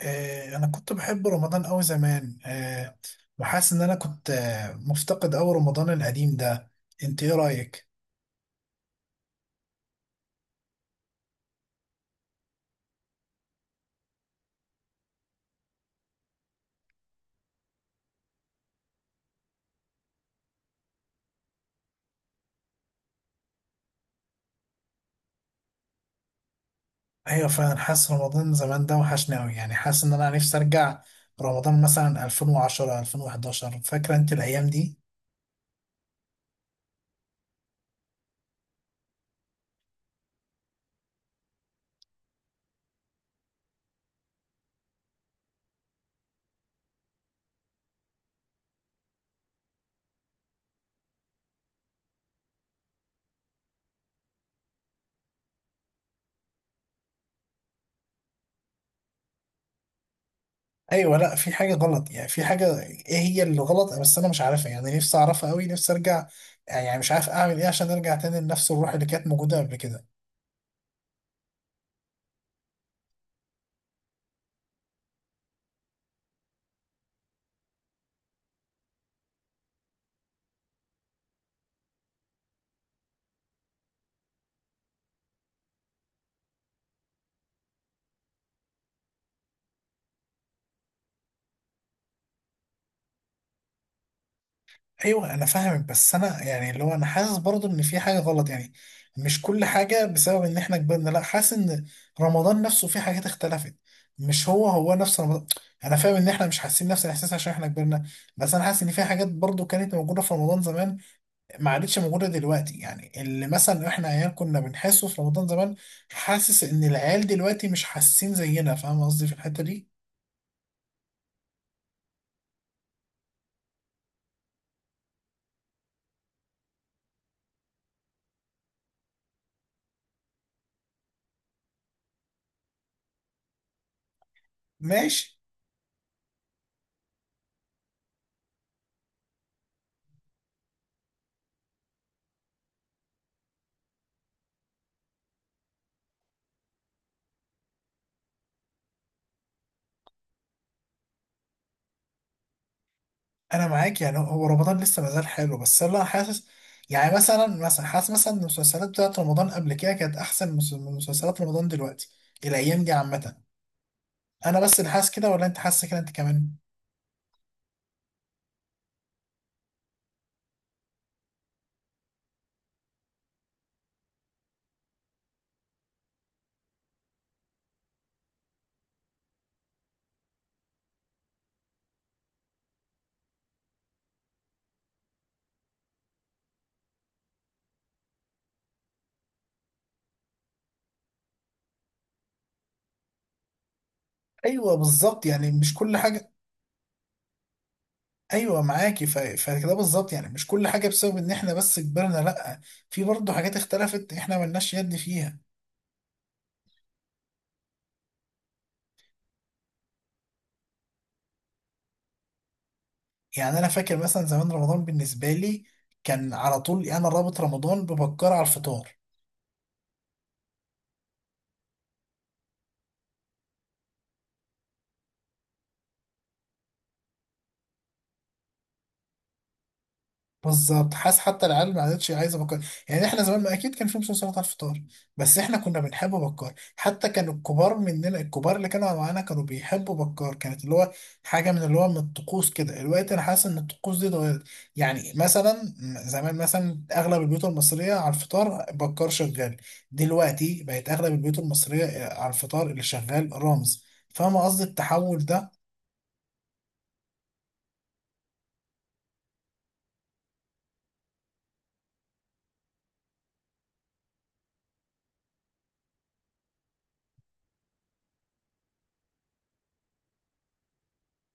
انا كنت بحب رمضان أوي زمان وحاسس ان انا كنت مفتقد أوي رمضان القديم ده. انت ايه رايك؟ ايوه، فعلا حاسس رمضان زمان ده وحشني أوي، يعني حاسس ان انا نفسي ارجع رمضان مثلا 2010 2011. فاكره انت الايام دي؟ ايوه، لا في حاجه غلط، يعني في حاجه ايه هي اللي غلط بس انا مش عارفها. يعني نفسي اعرفها أوي، نفسي ارجع. يعني مش عارف اعمل ايه عشان ارجع تاني لنفس الروح اللي كانت موجوده قبل كده. ايوه، انا فاهمك بس انا يعني اللي هو انا حاسس برضه ان في حاجه غلط. يعني مش كل حاجه بسبب ان احنا كبرنا، لا، حاسس ان رمضان نفسه في حاجات اختلفت. مش هو هو نفس رمضان. انا فاهم ان احنا مش حاسين نفس الاحساس عشان احنا كبرنا، بس انا حاسس ان في حاجات برضه كانت موجوده في رمضان زمان، ما عادتش موجوده دلوقتي. يعني اللي مثلا احنا عيال كنا بنحسه في رمضان زمان، حاسس ان العيال دلوقتي مش حاسين زينا. فاهم قصدي في الحته دي؟ ماشي. انا معاك، يعني هو رمضان لسه مازال حلو بس انا حاسس، يعني مثلا حاسس مثلا ان المسلسلات بتاعت رمضان قبل كده كانت احسن من مسلسلات رمضان دلوقتي الايام دي عامه. انا بس اللي حاسس كده ولا انت حاسس كده انت كمان؟ ايوه، بالظبط، يعني مش كل حاجه. ايوه، معاكي، فكده بالظبط، يعني مش كل حاجه بسبب ان احنا بس كبرنا، لا في برضه حاجات اختلفت احنا ملناش يد فيها. يعني انا فاكر مثلا زمان رمضان بالنسبه لي كان على طول، يعني انا رابط رمضان ببكر على الفطار. بالظبط، حاسس حتى العيال ما عادتش عايزه بكار. يعني احنا زمان، ما اكيد كان في فلوس سلطه على الفطار. بس احنا كنا بنحب بكار، حتى كان الكبار مننا، الكبار اللي كانوا معانا كانوا بيحبوا بكار، كانت اللي هو حاجه من اللي هو من الطقوس كده. الوقت انا حاسس ان الطقوس دي اتغيرت. يعني مثلا زمان، مثلا اغلب البيوت المصريه على الفطار بكار شغال، دلوقتي بقت اغلب البيوت المصريه على الفطار اللي شغال رامز. فاهم قصدي التحول ده؟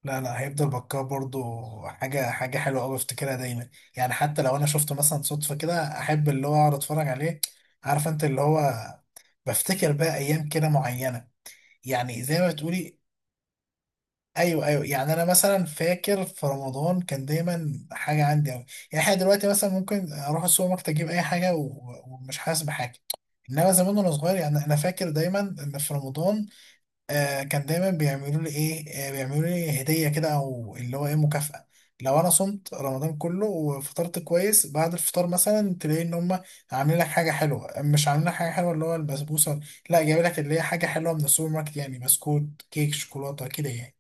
لا، لا، هيفضل بكار برضو. حاجة حلوة أوي بفتكرها دايما. يعني حتى لو أنا شفته مثلا صدفة كده، أحب اللي هو أقعد أتفرج عليه. عارف أنت اللي هو بفتكر بقى أيام كده معينة، يعني زي ما تقولي. أيوه، أيوه، يعني أنا مثلا فاكر في رمضان كان دايما حاجة عندي أوي. يعني إحنا دلوقتي مثلا ممكن أروح السوبر ماركت أجيب أي حاجة ومش حاسس بحاجة. إنما زمان وأنا صغير، يعني أنا فاكر دايما إن في رمضان، كان دايما بيعملوا لي ايه، بيعملوا لي هديه كده او اللي هو ايه مكافاه. لو انا صمت رمضان كله وفطرت كويس، بعد الفطار مثلا تلاقي ان هم عاملين لك حاجه حلوه، مش عاملين لك حاجه حلوه اللي هو البسبوسه، لا جايب لك اللي هي حاجه حلوه من السوبر ماركت، يعني بسكوت كيك شوكولاته كده يعني.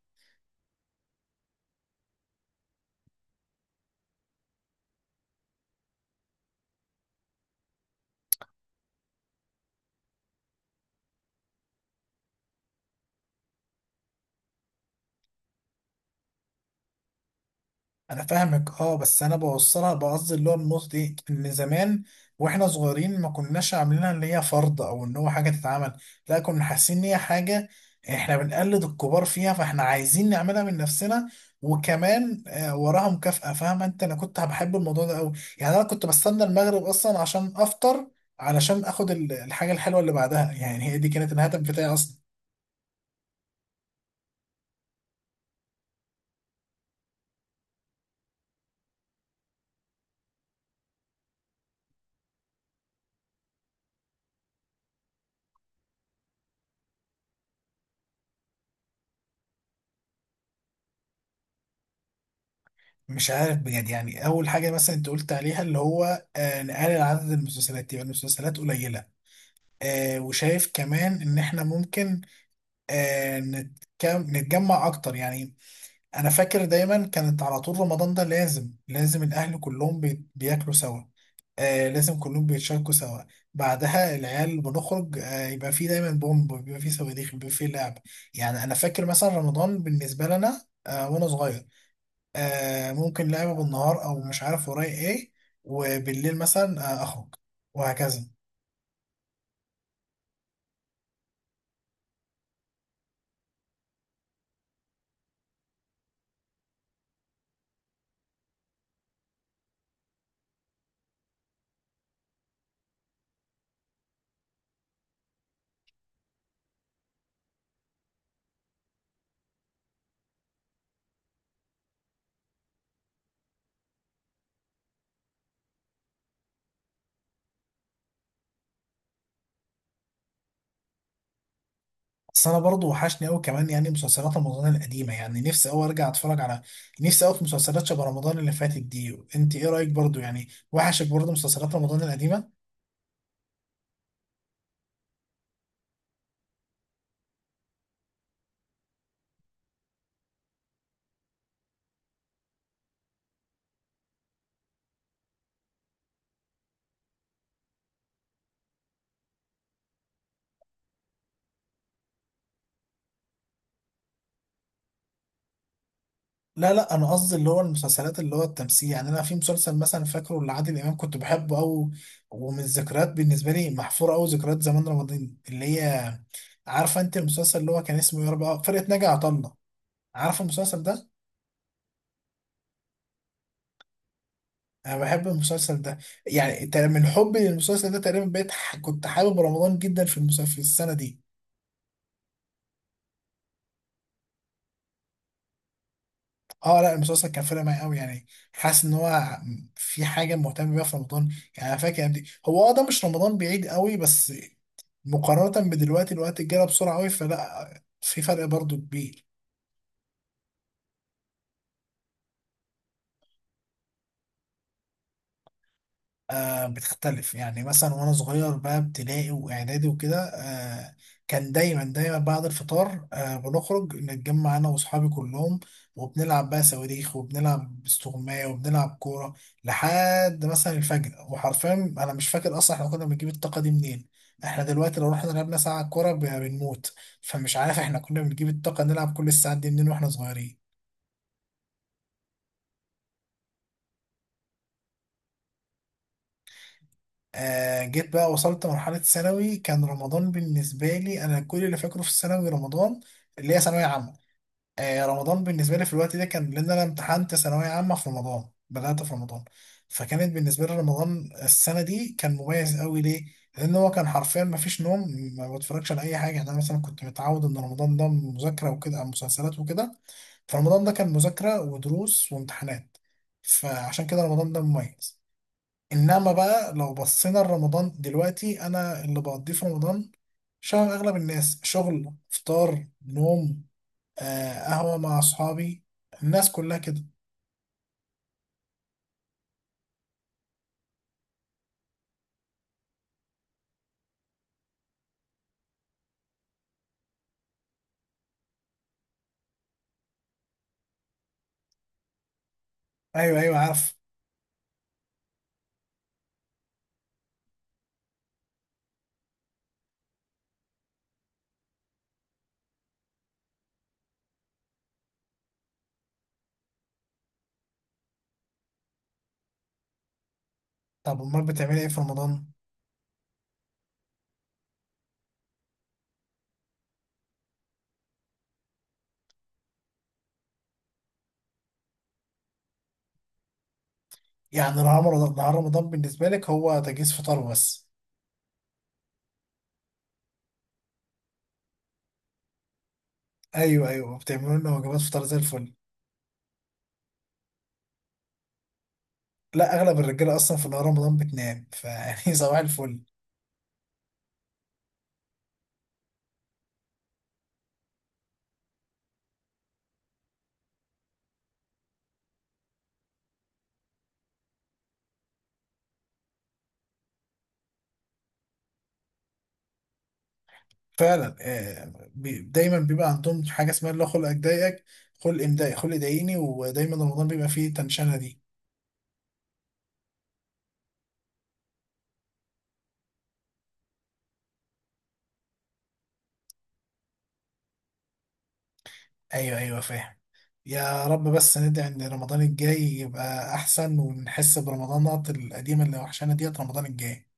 انا فاهمك، اه بس انا بوصلها بقصد اللي هو النقطه دي، ان زمان واحنا صغيرين ما كناش عاملينها اللي هي فرض او ان هو حاجه تتعمل، لا كنا حاسين ان هي حاجه احنا بنقلد الكبار فيها فاحنا عايزين نعملها من نفسنا. وكمان وراها مكافأة. فاهم انت؟ انا كنت بحب الموضوع ده قوي. يعني انا كنت بستنى المغرب اصلا عشان افطر، علشان اخد الحاجه الحلوه اللي بعدها، يعني هي دي كانت الهدف بتاعي اصلا. مش عارف بجد، يعني اول حاجه مثلا انت قلت عليها اللي هو نقلل عدد المسلسلات يبقى المسلسلات قليله. وشايف كمان ان احنا ممكن نتجمع اكتر يعني. انا فاكر دايما كانت على طول رمضان ده لازم لازم الاهل كلهم بياكلوا سوا. لازم كلهم بيتشاركوا سوا. بعدها العيال بنخرج، يبقى في دايما بومب، بيبقى في صواريخ، بيبقى في لعب. يعني انا فاكر مثلا رمضان بالنسبه لنا وانا صغير، ممكن لعبة بالنهار أو مش عارف ورايا إيه، وبالليل مثلا أخرج وهكذا. بس أنا برضو وحشني أوي كمان يعني مسلسلات رمضان القديمة. يعني نفسي أوي أرجع أتفرج على، نفسي أوي في مسلسلات شبه رمضان اللي فاتت دي. أنت إيه رأيك؟ برضو يعني وحشك برضو مسلسلات رمضان القديمة؟ لا، لا، أنا قصدي اللي هو المسلسلات اللي هو التمثيل، يعني أنا في مسلسل مثلا فاكره لعادل إمام كنت بحبه أوي. ومن الذكريات بالنسبة لي محفورة أوي ذكريات زمان رمضان اللي هي، عارفة أنت المسلسل اللي هو كان اسمه يا رب، فرقة ناجي عطا الله؟ عارف المسلسل ده؟ انا بحب المسلسل ده. يعني من حبي للمسلسل ده تقريبا بقيت كنت حابب رمضان جدا في المسلسل في السنه دي. اه، لا، المسلسل كان فارق معايا قوي يعني، حاسس ان هو في حاجه مهتم بيها في رمضان. يعني انا فاكر دي هو اه ده مش رمضان بعيد قوي، بس مقارنه بدلوقتي الوقت جرى بسرعه قوي فلا في فرق برضو كبير. بتختلف، يعني مثلا وانا صغير بقى ابتدائي واعدادي وكده، كان دايما دايما بعد الفطار بنخرج نتجمع انا واصحابي كلهم. وبنلعب بقى صواريخ، وبنلعب استغماية، وبنلعب كورة لحد مثلا الفجر. وحرفيا انا مش فاكر اصلا احنا كنا بنجيب الطاقة دي منين. احنا دلوقتي لو رحنا لعبنا ساعة كورة بنموت. فمش عارف احنا كنا بنجيب الطاقة نلعب كل الساعات دي منين واحنا صغيرين. جيت بقى وصلت مرحلة ثانوي، كان رمضان بالنسبة لي، أنا كل اللي فاكره في الثانوي رمضان اللي هي ثانوية عامة. رمضان بالنسبة لي في الوقت ده كان، لأن أنا امتحنت ثانوية عامة في رمضان، بدأت في رمضان، فكانت بالنسبة لي رمضان السنة دي كان مميز قوي. ليه؟ لأن هو كان حرفيا مفيش نوم، ما بتفرجش على أي حاجة. يعني أنا مثلا كنت متعود إن رمضان ده مذاكرة وكده أو مسلسلات وكده، فرمضان ده كان مذاكرة ودروس وامتحانات. فعشان كده رمضان ده مميز. انما بقى لو بصينا لرمضان دلوقتي، انا اللي بقضيه في رمضان شبه اغلب الناس، شغل، فطار، نوم، قهوه مع اصحابي. الناس كلها كده. ايوه، ايوه، عارف. طب امال بتعملي ايه في رمضان؟ يعني نهار رمضان بالنسبه لك هو تجهيز فطار بس؟ ايوه، ايوه، بتعملوا لنا وجبات فطار زي الفل. لا، اغلب الرجاله اصلا في نهار رمضان بتنام، فيعني صباح الفل. فعلا، دايما بيبقى عندهم حاجه اسمها اللي هو خلق اضايقك، خلق امضايق، خلق ضايقني. ودايما رمضان بيبقى فيه تنشنه دي. ايوه، ايوه، فاهم. يا رب، بس ندعي ان رمضان الجاي يبقى احسن، ونحس برمضانات القديمه اللي وحشانا ديت رمضان الجاي.